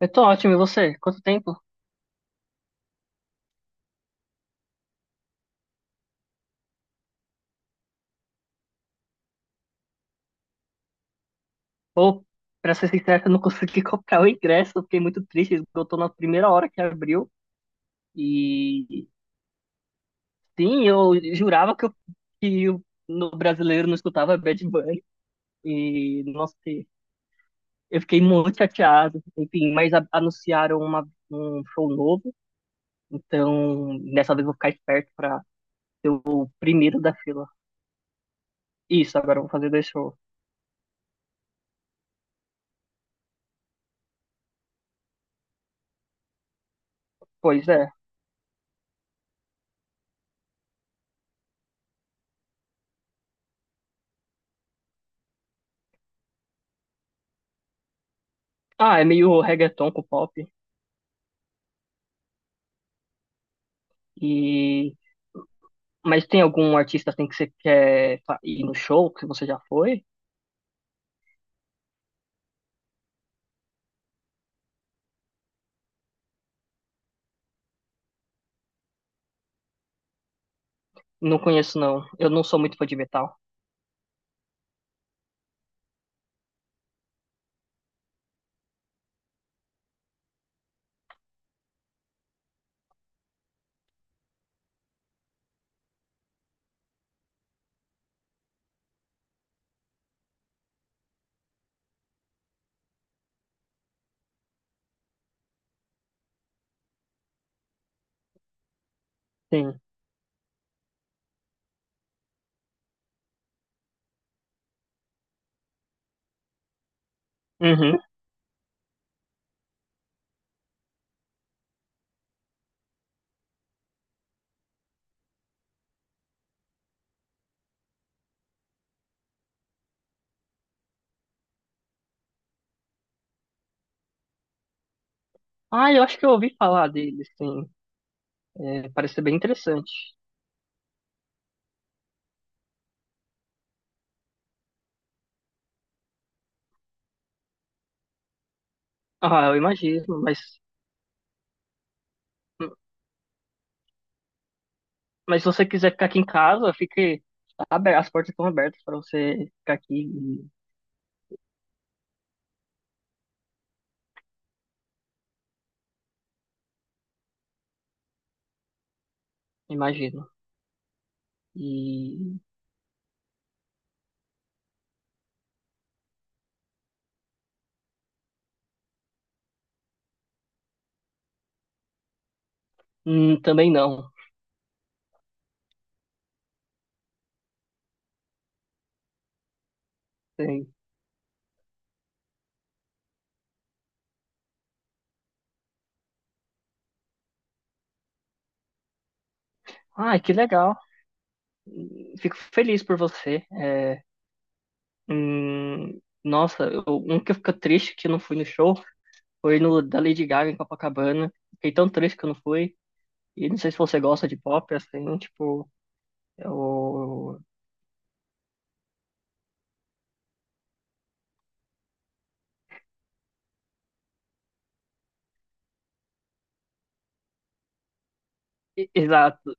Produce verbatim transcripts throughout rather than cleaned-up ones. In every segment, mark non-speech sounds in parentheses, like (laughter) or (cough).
Eu tô ótimo, e você? Quanto tempo? Ou, pra ser sincero, (laughs) eu não consegui (laughs) comprar o ingresso, eu fiquei muito triste, esgotou na primeira hora que abriu. E sim, eu jurava que, eu, que o no brasileiro não escutava Bad Bunny. E, nossa, eu fiquei muito chateado. Enfim, mas a- anunciaram uma- um show novo, então dessa vez eu vou ficar esperto pra ser o primeiro da fila. Isso, agora eu vou fazer dois shows. Pois é. Ah, é meio reggaeton com pop. E. Mas tem algum artista assim que você quer fa- ir no show que você já foi? Não conheço, não. Eu não sou muito fã de metal. Sim. Uhum. Ah, eu acho que eu ouvi falar dele, sim. É, parece ser bem interessante. Ah, eu imagino, mas, mas se você quiser ficar aqui em casa, fique aberto, as portas estão abertas para você ficar aqui, e- imagino. E hum, também não. Sim. Ah, que legal. Fico feliz por você. É, hum, nossa, eu, um que eu fico triste que eu não fui no show foi no da Lady Gaga em Copacabana. Fiquei tão triste que eu não fui. E não sei se você gosta de pop, assim, tipo, eu... e- exato.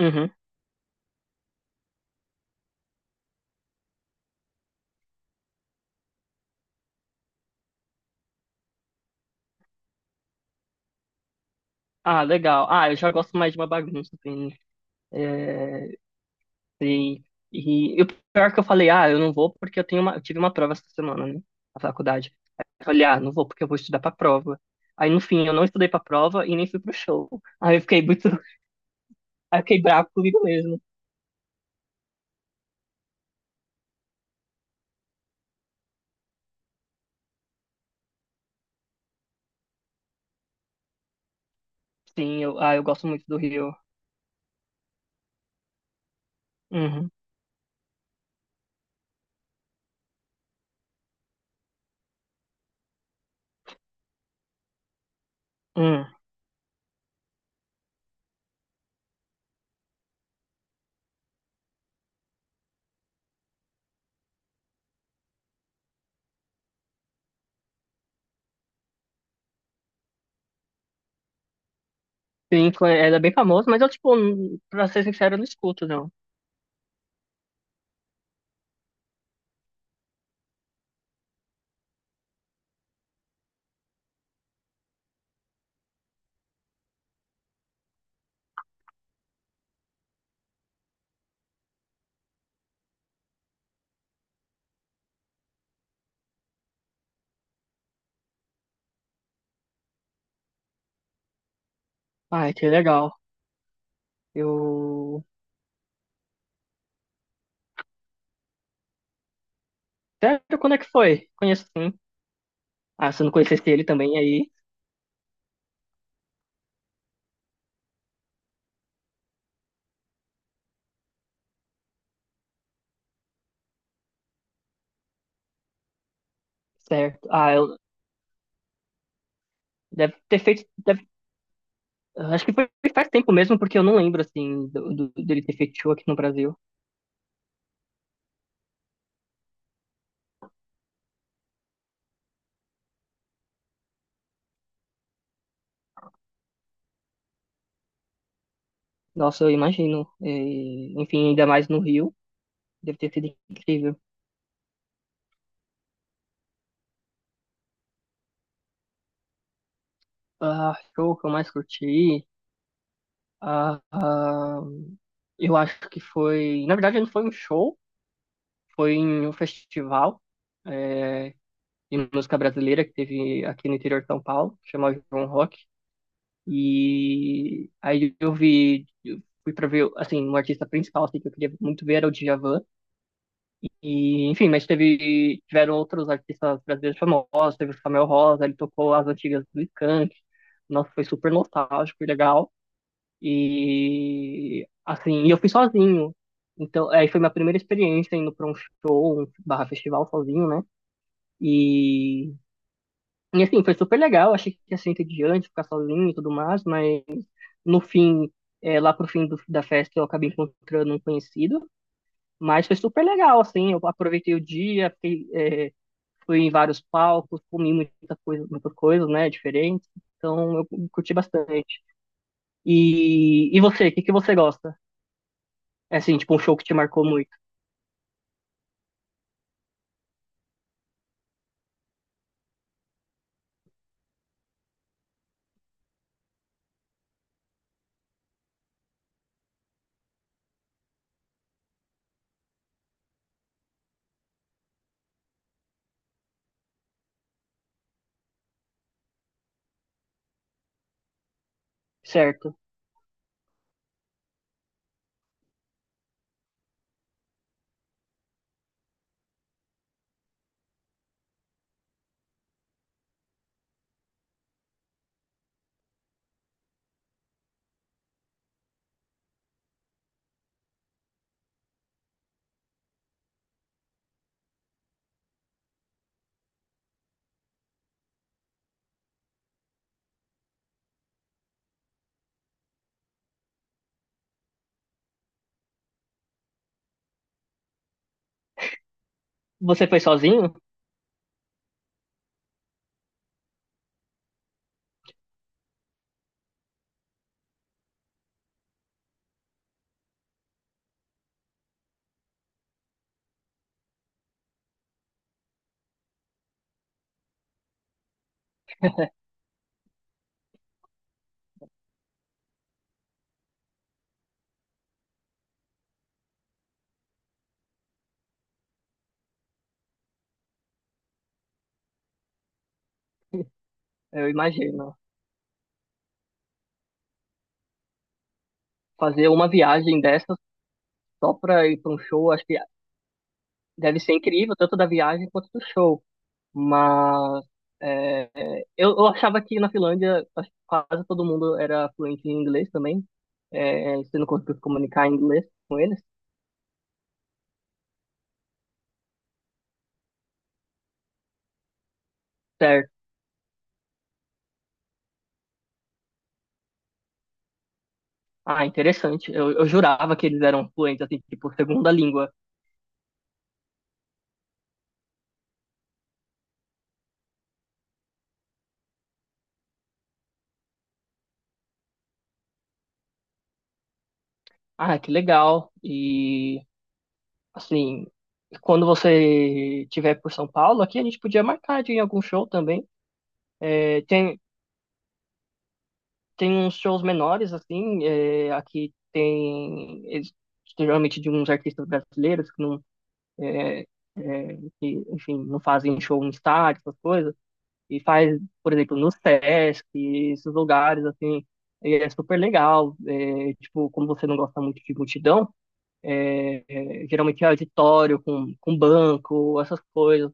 Uhum. Ah, legal. Ah, eu já gosto mais de uma bagunça, assim. É, sim. E, e o pior que eu falei, ah, eu não vou porque eu tenho uma, eu tive uma prova essa semana, né? Na faculdade. Aí eu falei, ah, não vou porque eu vou estudar pra prova. Aí, no fim, eu não estudei pra prova e nem fui pro show. Aí eu fiquei muito, (laughs) aí eu fiquei bravo comigo mesmo. Sim, eu, ah, eu gosto muito do Rio. Uhum. Hum. Pink era bem famoso, mas eu, tipo, n- pra ser sincero, eu não escuto, não. Ai, que legal. Eu. Sério, quando é que foi? Conheço sim. Ah, se eu não conhecesse ele também, aí. Certo. Ah, eu... deve ter feito. deve- Acho que foi faz tempo mesmo, porque eu não lembro, assim, do, do- dele ter feito show aqui no Brasil. Nossa, eu imagino. E, enfim, ainda mais no Rio. Deve ter sido incrível. Ah, show que eu mais curti. Ah, ah, eu acho que foi. Na verdade, não foi um show, foi em um festival, é, de música brasileira que teve aqui no interior de São Paulo, que chamava João Rock. E aí eu vi, eu fui pra ver, assim, um artista principal assim, que eu queria muito ver era o Djavan. E, enfim, mas teve, tiveram outros artistas brasileiros famosos, teve o Samuel Rosa, ele tocou as antigas do Skank. Nossa, foi super nostálgico e legal. E assim, e eu fui sozinho. Então, aí foi minha primeira experiência indo pra um show, um barra festival sozinho, né? E, e assim, foi super legal. Achei que ia ser entediante ficar sozinho e tudo mais, mas no fim, é, lá pro fim do- da festa, eu acabei encontrando um conhecido. Mas foi super legal, assim. Eu aproveitei o dia, fiquei, é, fui em vários palcos, comi muita coisa, muitas coisas, né? Diferentes. Então, eu curti bastante. E, e você, o que que você gosta? É assim, tipo um show que te marcou muito, certo? Você foi sozinho? (laughs) Eu imagino. Fazer uma viagem dessas só pra ir pra um show, acho que deve ser incrível, tanto da viagem quanto do show. Mas é, eu, eu achava que na Finlândia acho que quase todo mundo era fluente em inglês também. É, você não conseguiu se comunicar em inglês com eles? Certo. Ah, interessante. Eu, eu jurava que eles eram fluentes, assim, tipo, segunda língua. Ah, que legal. E assim, quando você tiver por São Paulo, aqui a gente podia marcar de ir em algum show também. É, tem, tem uns shows menores, assim, é, aqui tem eles- geralmente de uns artistas brasileiros que não, é, é, que, enfim, não fazem show em estádio, essas coisas, e faz, por exemplo, no Sesc, esses lugares, assim, e é super legal. É, tipo, como você não gosta muito de multidão, é, é, geralmente é auditório com, com banco, essas coisas.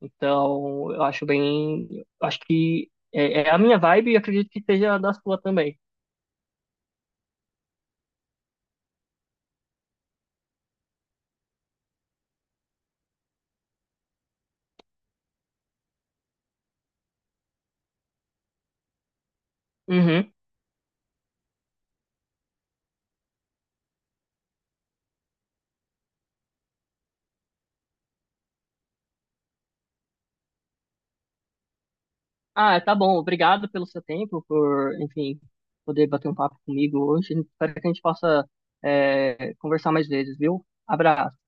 Então, eu acho bem. Acho que é, é a minha vibe e acredito que seja a da sua também. Uhum. Ah, tá bom. Obrigado pelo seu tempo, por, enfim, poder bater um papo comigo hoje. Espero que a gente possa, é, conversar mais vezes, viu? Abraço.